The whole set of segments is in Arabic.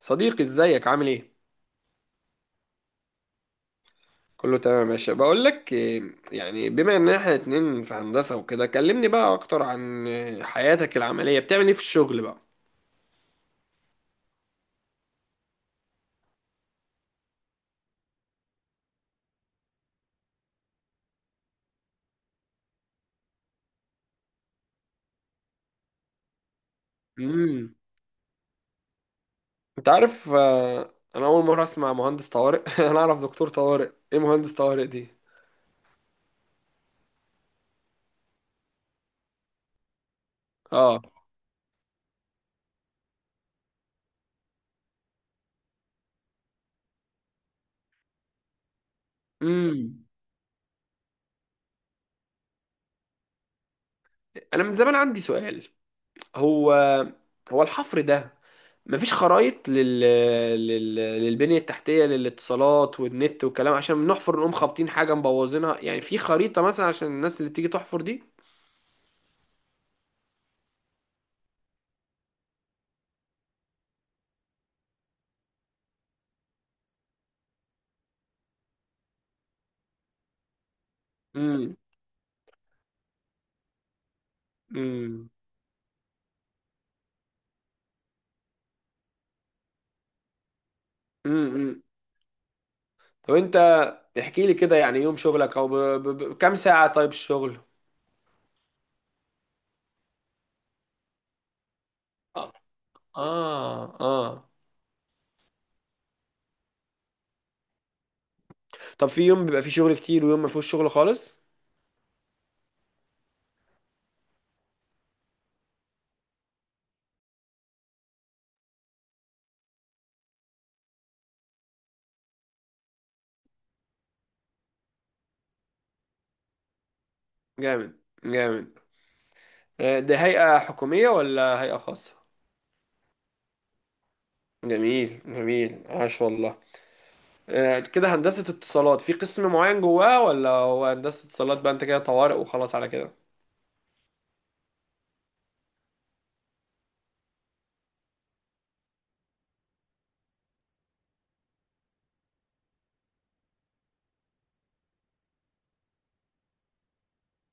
صديقي ازيك عامل ايه؟ كله تمام يا باشا. بقول لك إيه، يعني بما ان احنا اتنين في هندسة وكده، كلمني بقى اكتر عن إيه، حياتك العملية. بتعمل ايه في الشغل بقى؟ امم انت عارف. آه، انا اول مرة اسمع مهندس طوارئ. انا اعرف دكتور طوارئ، ايه مهندس طوارئ دي؟ اه. امم انا من زمان عندي سؤال. هو الحفر ده مفيش خرايط لل... لل... للبنية التحتية للاتصالات والنت والكلام، عشان نحفر نقوم خابطين حاجة مبوظينها، يعني في خريطة مثلا عشان الناس اللي تيجي تحفر دي؟ امم امم امم طب انت احكي لي كده، يعني يوم شغلك، او ب... ب... ب... كام ساعة طيب الشغل؟ اه. اه آه. طب في يوم بيبقى فيه شغل كتير ويوم ما فيهوش شغل خالص؟ جامد جامد. آه، ده هيئة حكومية ولا هيئة خاصة؟ جميل جميل، عاش والله. آه، كده هندسة اتصالات في قسم معين جواه، ولا هو هندسة اتصالات بقى انت كده طوارئ وخلاص على كده؟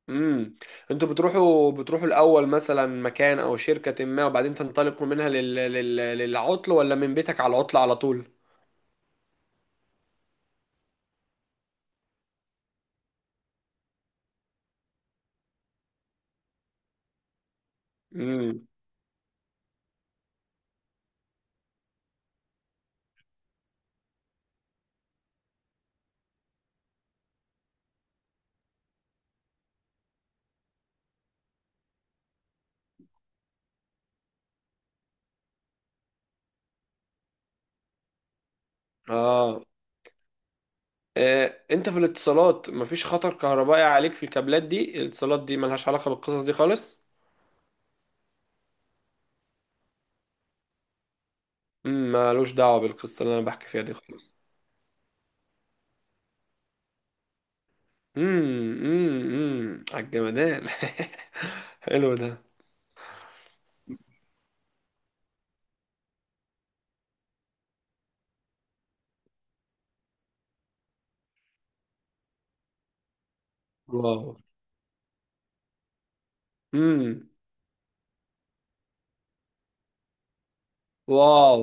امم انتوا بتروحوا الاول مثلا مكان او شركة ما، وبعدين تنطلقوا منها لل... لل... للعطل، ولا من بيتك على العطل على طول؟ امم اه. آه، انت في الاتصالات مفيش خطر كهربائي عليك في الكابلات دي؟ الاتصالات دي ملهاش علاقة بالقصص دي خالص؟ مالوش دعوة بالقصة اللي انا بحكي فيها دي خالص. على الجمدان. حلو ده. واو. امم واو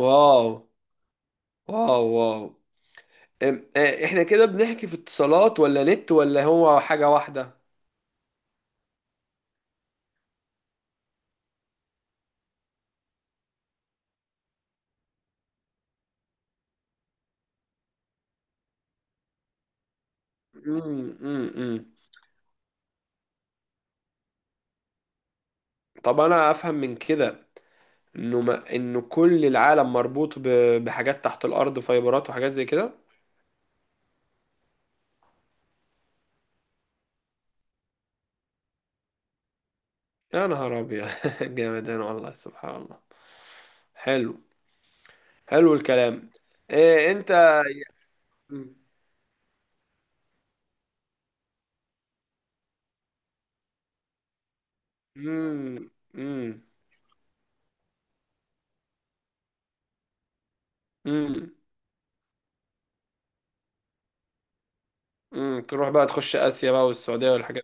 واو واو واو. أم- آه، احنا كده بنحكي في اتصالات ولا نت، ولا هو حاجة واحدة؟ امم امم طب انا افهم من كده انه، ما انه كل العالم مربوط ب... بحاجات تحت الارض، فايبرات وحاجات زي كده؟ يا نهار ابيض. جامد، انا والله سبحان الله. حلو. حلو الكلام. إيه انت. امم امم امم تروح بقى تخش اسيا بقى والسعودية والحاجات.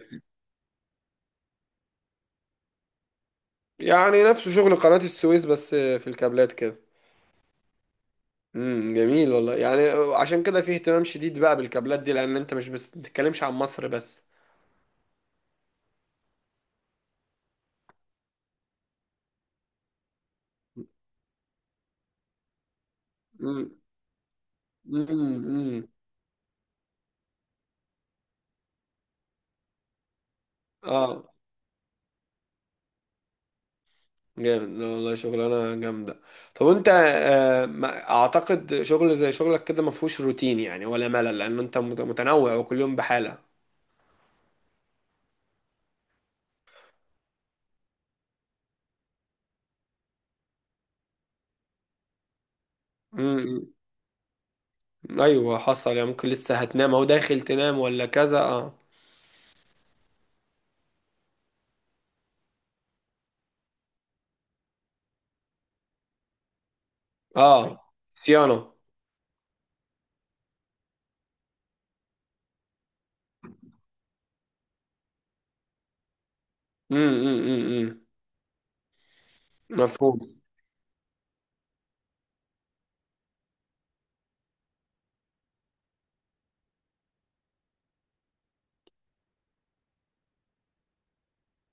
يعني نفسه شغل قناة السويس، بس في الكابلات كده. جميل والله. يعني عشان كده فيه اهتمام شديد بقى بالكابلات دي، لان انت مش بس بتتكلمش عن مصر بس. امم امم اه. جامد، لا والله شغلانة جامدة. طب انت آه، ما اعتقد شغل زي شغلك كده ما فيهوش روتين يعني ولا ملل، لان انت مت- متنوع وكل يوم بحالة. امم ايوه، حصل يعني ممكن لسه هتنام او داخل تنام ولا كذا، اه. اه صيانة. امم امم امم مفهوم.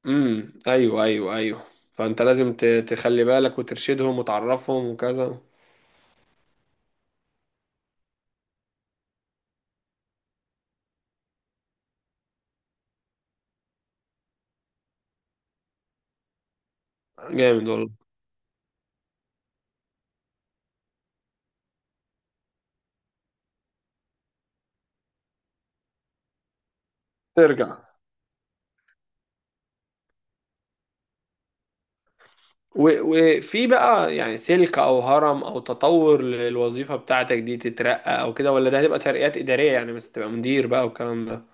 ايوه ايوه ايوه، فانت لازم ت- تخلي بالك وترشدهم وتعرفهم وكذا. جامد والله. ترجع. و- وفي بقى يعني سلك او هرم او تطور للوظيفة بتاعتك دي، تترقى او كده، ولا ده هتبقى ترقيات إدارية يعني، بس تبقى مدير بقى والكلام ده؟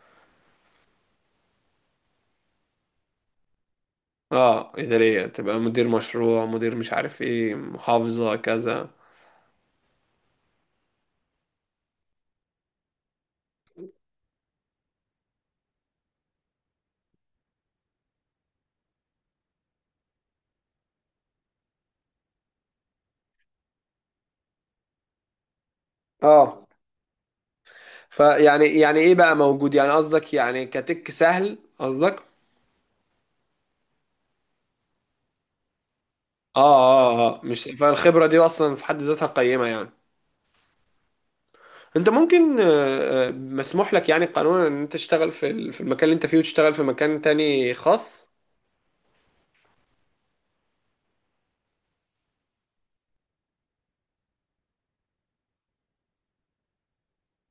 اه إدارية، تبقى مدير مشروع، مدير مش عارف ايه محافظة كذا. اه. فيعني يعني ايه بقى موجود يعني، قصدك يعني كتك سهل قصدك؟ اه اه اه، مش فالخبرة دي اصلا في حد ذاتها قيمة يعني. انت ممكن آه، آه، مسموح لك يعني قانونا ان انت تشتغل في ال- في المكان اللي انت فيه، وتشتغل في مكان تاني خاص؟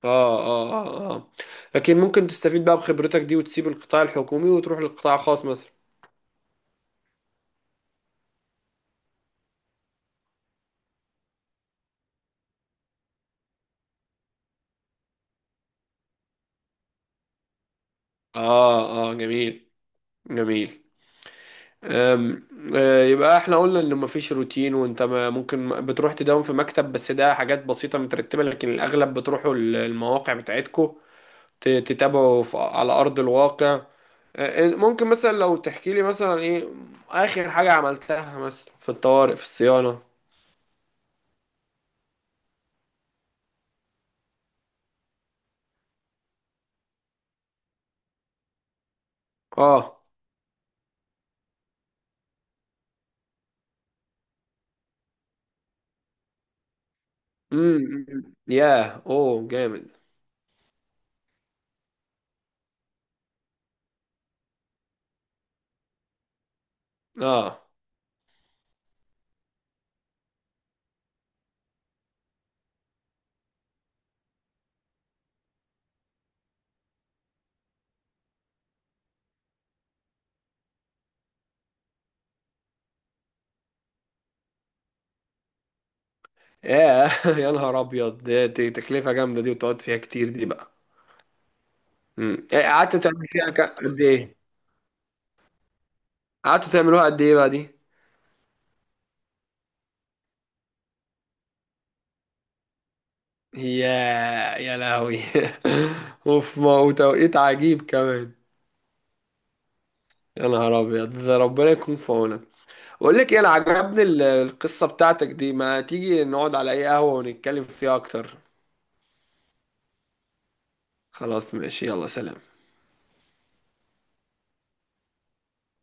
اه اه اه اه. لكن ممكن تستفيد بقى بخبرتك دي وتسيب القطاع الحكومي وتروح للقطاع الخاص مثلا. اه اه، جميل. جميل. أم، آه، يبقى احنا قلنا ان مفيش روتين، وانت ما ممكن بتروح تداوم في مكتب بس ده حاجات بسيطة مترتبة، لكن الاغلب بتروحوا المواقع بتاعتكو ت- تتابعه في- على أرض الواقع. آه، ممكن مثلا لو تحكي لي مثلا ايه آخر حاجة عملتها مثلا في الطوارئ في الصيانة؟ اه. امم ياه، اوه جامد. اه. ياه. يا نهار ابيض. ده- دي تكلفة جامدة دي، وتقعد فيها كتير دي بقى. إيه، قعدتوا تعملوا فيها ك- قد ايه؟ قعدتوا تعملوها قد ايه بقى دي؟ يا. يا لهوي. اوف، ما وتوقيت عجيب كمان. يا نهار ابيض، ده ربنا يكون في عونك. بقول لك ايه، انا عجبني ال- القصة بتاعتك دي، ما تيجي نقعد على اي قهوة ونتكلم فيها اكتر. خلاص ماشي، يلا سلام.